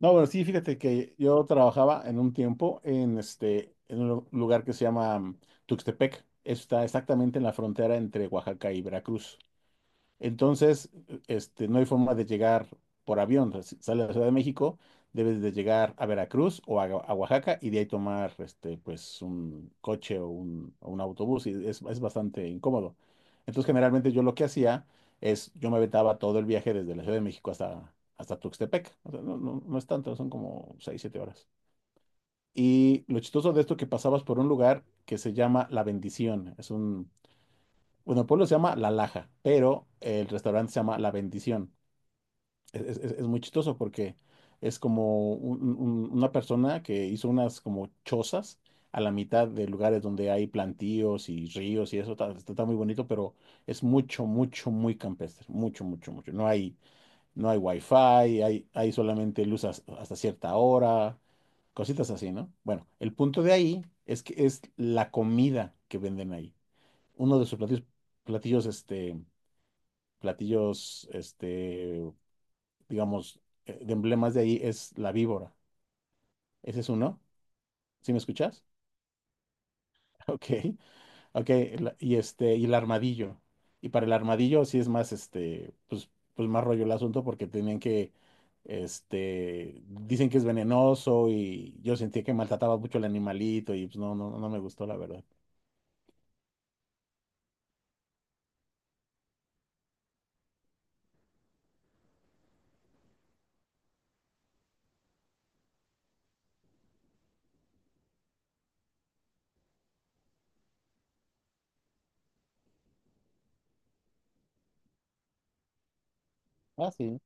No, bueno, sí, fíjate que yo trabajaba en un tiempo en este, en un lugar que se llama Tuxtepec. Está exactamente en la frontera entre Oaxaca y Veracruz. Entonces, este, no hay forma de llegar por avión. O sea, si sales de la Ciudad de México, debes de llegar a Veracruz o a Oaxaca y de ahí tomar este, pues, un coche o un autobús y es bastante incómodo. Entonces, generalmente yo lo que hacía es, yo me aventaba todo el viaje desde la Ciudad de México hasta Tuxtepec. O sea, no, no, no es tanto, son como 6 7 horas. Y lo chistoso de esto que pasabas por un lugar que se llama La Bendición. Es un bueno, el pueblo se llama La Laja, pero el restaurante se llama La Bendición. Es muy chistoso porque es como una persona que hizo unas como chozas a la mitad de lugares donde hay plantíos y ríos y eso. Está muy bonito, pero es mucho, mucho, muy campestre. Mucho, mucho, mucho. No hay wifi, hay solamente luz hasta cierta hora, cositas así, ¿no? Bueno, el punto de ahí es que es la comida que venden ahí uno de sus platillos, este, platillos, digamos, de emblemas de ahí es la víbora. Ese es uno. ¿Sí me escuchas? Ok, ok. Y el armadillo. Y para el armadillo sí es más, este, pues más rollo el asunto porque tenían que, este, dicen que es venenoso y yo sentí que maltrataba mucho al animalito y pues no, no, no me gustó la verdad. Ah, sí.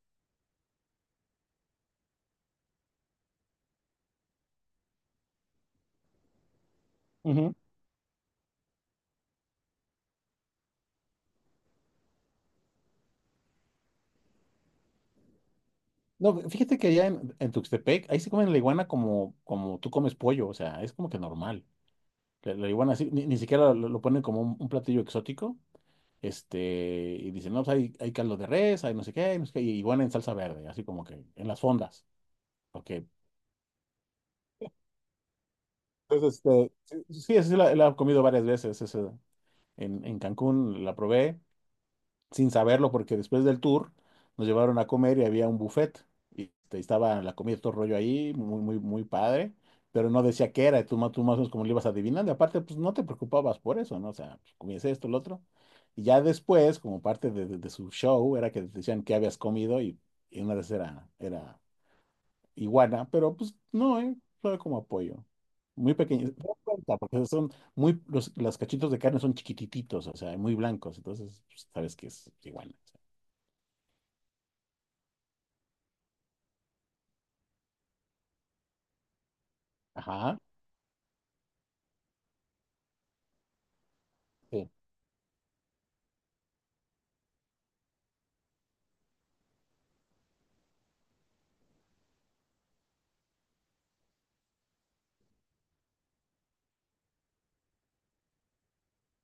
No, fíjate que allá en Tuxtepec, ahí se comen la iguana como tú comes pollo, o sea, es como que normal. La iguana así, ni siquiera lo ponen como un platillo exótico, este, y dicen, no, pues hay caldo de res, hay no sé qué, hay no sé qué, y iguana en salsa verde, así como que en las fondas, porque, entonces, este, sí, sí, sí la he comido varias veces, en Cancún la probé, sin saberlo, porque después del tour nos llevaron a comer y había un buffet. Y este, estaba la comida, todo rollo ahí, muy, muy, muy padre, pero no decía qué era, y tú más o menos como le ibas adivinando. Y aparte, pues no te preocupabas por eso, ¿no? O sea, pues, comías esto, lo otro. Y ya después, como parte de su show, era que te decían qué habías comido y una vez era iguana, pero pues no, ¿eh? Fue como apoyo. Muy pequeño, te das cuenta, porque son los cachitos de carne son chiquitititos, o sea, muy blancos, entonces pues, sabes que es iguana. Ajá. Sí.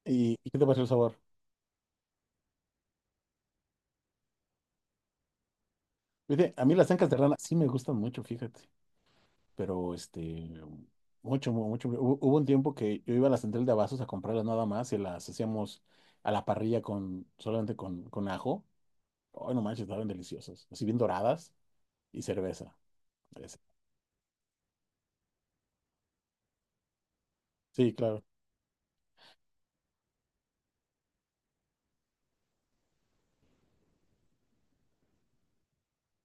¿Y qué te pareció el sabor? Fíjate, a mí las ancas de rana sí me gustan mucho, fíjate. Pero este, mucho. Hubo un tiempo que yo iba a la central de abastos a comprarlas nada más y las hacíamos a la parrilla solamente con ajo. Ay, no manches, estaban deliciosas. Así bien doradas y cerveza. Ese. Sí, claro.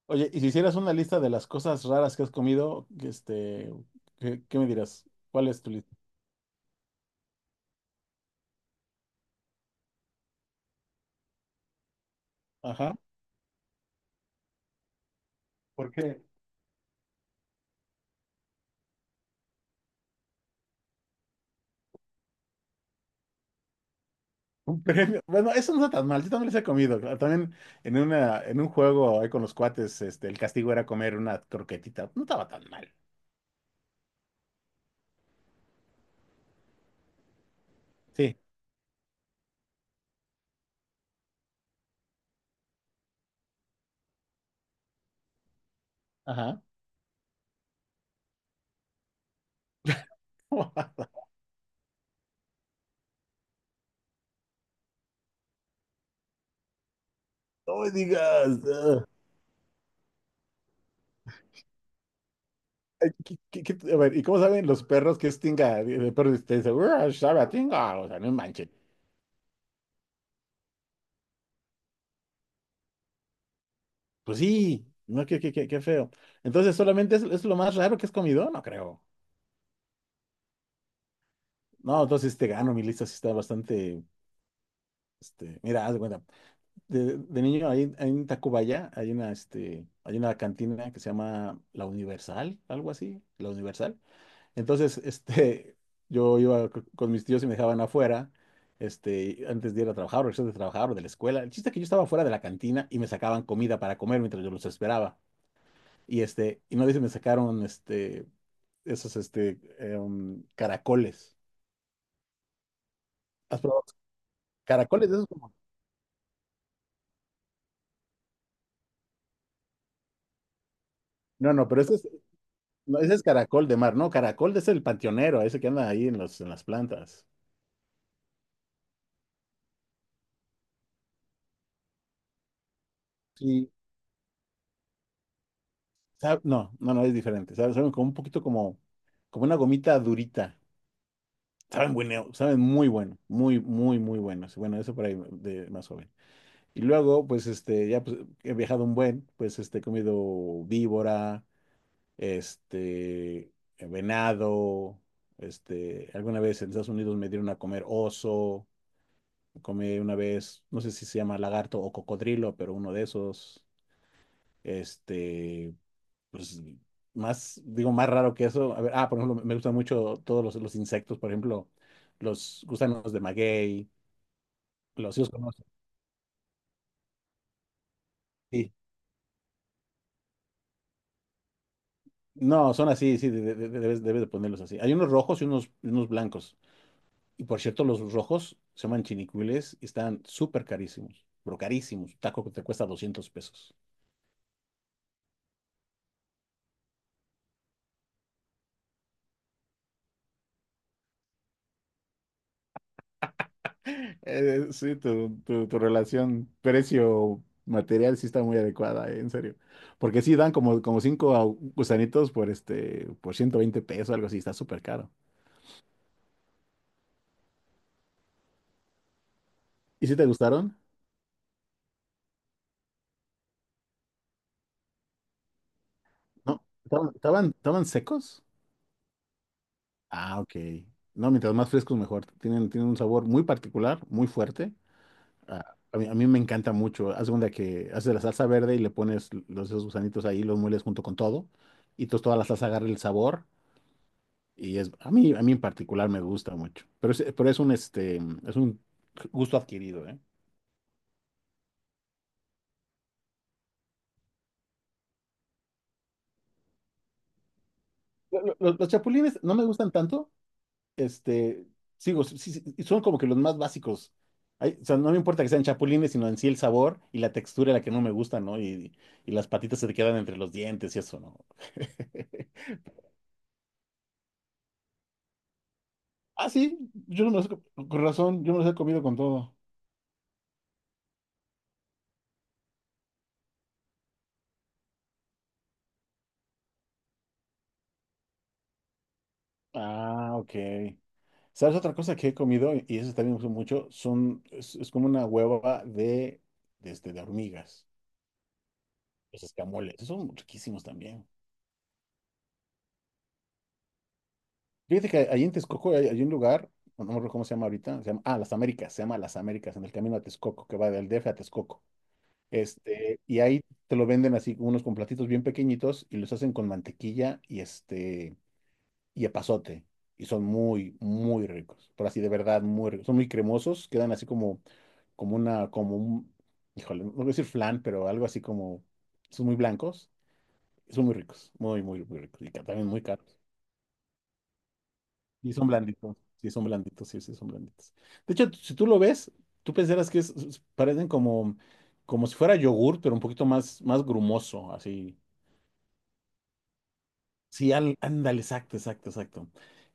Oye, y si hicieras una lista de las cosas raras que has comido, que, este, ¿qué me dirás? ¿Cuál es tu lista? Ajá. ¿Por qué? Un premio. Bueno, eso no está tan mal. Yo también les he comido. Claro, también en un juego ahí con los cuates, este, el castigo era comer una croquetita. No estaba tan mal. Sí. Ajá. No me digas. Ah. Ay, a ver, ¿y cómo saben los perros que es tinga? El perro te dice, "Uah, sabe a tinga." O sea, no manchen. Pues sí. No, qué feo. Entonces, ¿solamente es lo más raro que has comido? No creo. No, entonces te gano. Mi lista sí está bastante. Este, mira, haz de cuenta. De niño, ahí en Tacubaya hay una cantina que se llama La Universal, algo así, La Universal. Entonces, este, yo iba con mis tíos y me dejaban afuera, este, antes de ir a trabajar, regresar de trabajar o de la escuela. El chiste es que yo estaba fuera de la cantina y me sacaban comida para comer mientras yo los esperaba. Y este, y no dice, me sacaron, este, esos, caracoles. ¿Has probado los caracoles? De esos como... No, no, pero estos. No, ese es caracol de mar, no, caracol es el panteonero, ese que anda ahí en los, en las plantas. Sí, no, no, no, es diferente. Saben como un poquito como una gomita durita. Saben bueno, saben muy bueno, muy, muy, muy buenos. Bueno, eso por ahí de más joven. Y luego, pues, este, ya pues, he viajado un buen, pues, este, he comido víbora, este, venado, este, alguna vez en Estados Unidos me dieron a comer oso. Comí una vez, no sé si se llama lagarto o cocodrilo, pero uno de esos, este, pues más, digo, más raro que eso. A ver, ah, por ejemplo, me gustan mucho todos los insectos, por ejemplo, los gusanos de maguey, sí los conozco, sí. No, son así, sí, debes de ponerlos así. Hay unos rojos y unos blancos. Y por cierto, los rojos se llaman chinicuiles y están súper carísimos, pero carísimos. Un taco que te cuesta 200 pesos. Sí, tu relación precio-material sí está muy adecuada, en serio. Porque sí dan como cinco gusanitos por 120 pesos, algo así, está súper caro. ¿Y si te gustaron? No, ¿estaban secos? Ah, ok. No, mientras más frescos mejor. Tienen un sabor muy particular, muy fuerte. Ah, a mí me encanta mucho. Haz de cuenta que haces la salsa verde y le pones esos gusanitos ahí, los mueles junto con todo. Y entonces toda la salsa agarra el sabor. Y a mí en particular me gusta mucho, pero es un gusto adquirido, ¿eh? Los chapulines no me gustan tanto, este, sigo, sí, sí, sí, son como que los más básicos. Ay, o sea, no me importa que sean chapulines, sino en sí el sabor y la textura la que no me gusta, ¿no? Y las patitas se te quedan entre los dientes y eso, ¿no? Ah, sí, yo no me los, he co- con razón, yo me los he comido con todo. Ah, ok. ¿Sabes otra cosa que he comido? Y eso también me gusta mucho. Es como una hueva de hormigas. Los escamoles. Esos son riquísimos también. Fíjate que ahí en Texcoco hay un lugar, no me acuerdo cómo se llama ahorita. Se llama, Las Américas. Se llama Las Américas, en el camino a Texcoco, que va del DF a Texcoco. Este, y ahí te lo venden así, unos con platitos bien pequeñitos y los hacen con mantequilla y epazote. Y son muy, muy ricos. Pero así de verdad, muy ricos. Son muy cremosos. Quedan así como, como una, como un, híjole, no voy a decir flan, pero algo así como, son muy blancos. Y son muy ricos. Muy, muy, muy ricos. Y también muy caros. Y son blanditos. Sí, son blanditos. Sí, sí, son blanditos. De hecho, si tú lo ves, tú pensarás que parecen como, como si fuera yogur, pero un poquito más grumoso, así. Sí, ándale, exacto, exacto, exacto.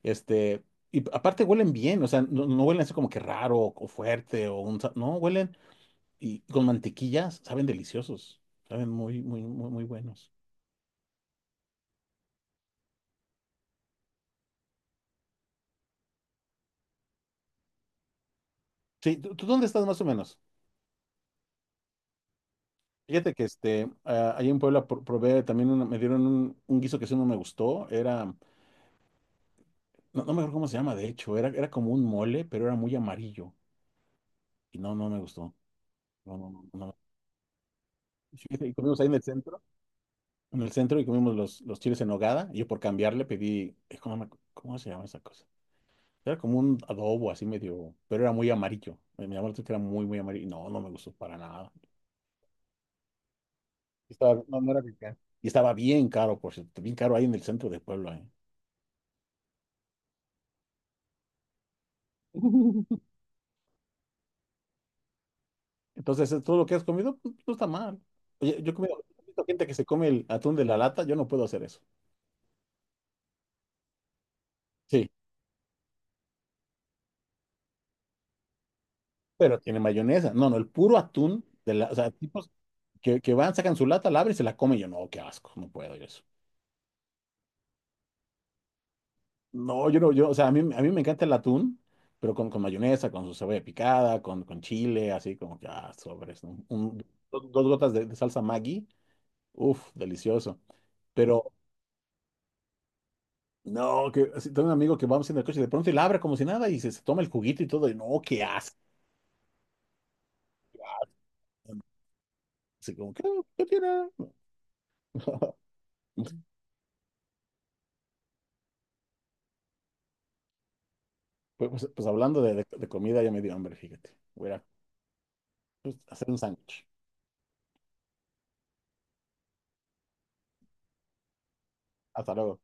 Este, y aparte huelen bien, o sea, no huelen así como que raro o, fuerte no, huelen y con mantequillas saben deliciosos, saben muy, muy, muy, muy buenos. Sí, ¿tú dónde estás más o menos? Fíjate que este, ahí en Puebla probé también, me dieron un guiso que sí no me gustó, no, no me acuerdo cómo se llama, de hecho, era como un mole, pero era muy amarillo y no, no me gustó. No, no, no, no. Fíjate, y comimos ahí en el centro y comimos los chiles en nogada. Y yo por cambiarle pedí, ¿cómo se llama esa cosa? Era como un adobo así medio, pero era muy amarillo. Me llamó la atención que era muy, muy amarillo. No, no me gustó para nada. No, no era picar. Y estaba bien caro, por cierto, bien caro ahí en el centro de Puebla, ¿eh? Entonces, todo lo que has comido, pues, no está mal. Oye, he visto gente que se come el atún de la lata, yo no puedo hacer eso. Sí, pero tiene mayonesa. No, no, el puro atún o sea, tipos que van, sacan su lata, la abren y se la comen. Yo no, qué asco, no puedo yo eso. No, yo no, o sea, a mí me encanta el atún, pero con mayonesa, con su cebolla picada, con chile, así como que, sobres, ¿no? Dos gotas de salsa Maggi, uff, delicioso. Pero, no, que así, Tengo un amigo que vamos en el coche y de pronto él abre como si nada y se toma el juguito y todo, y no, qué asco. Así como, ¿qué tiene? Pues hablando de comida, ya me dio hambre, fíjate. Voy a ir a, pues, hacer un sándwich. Hasta luego.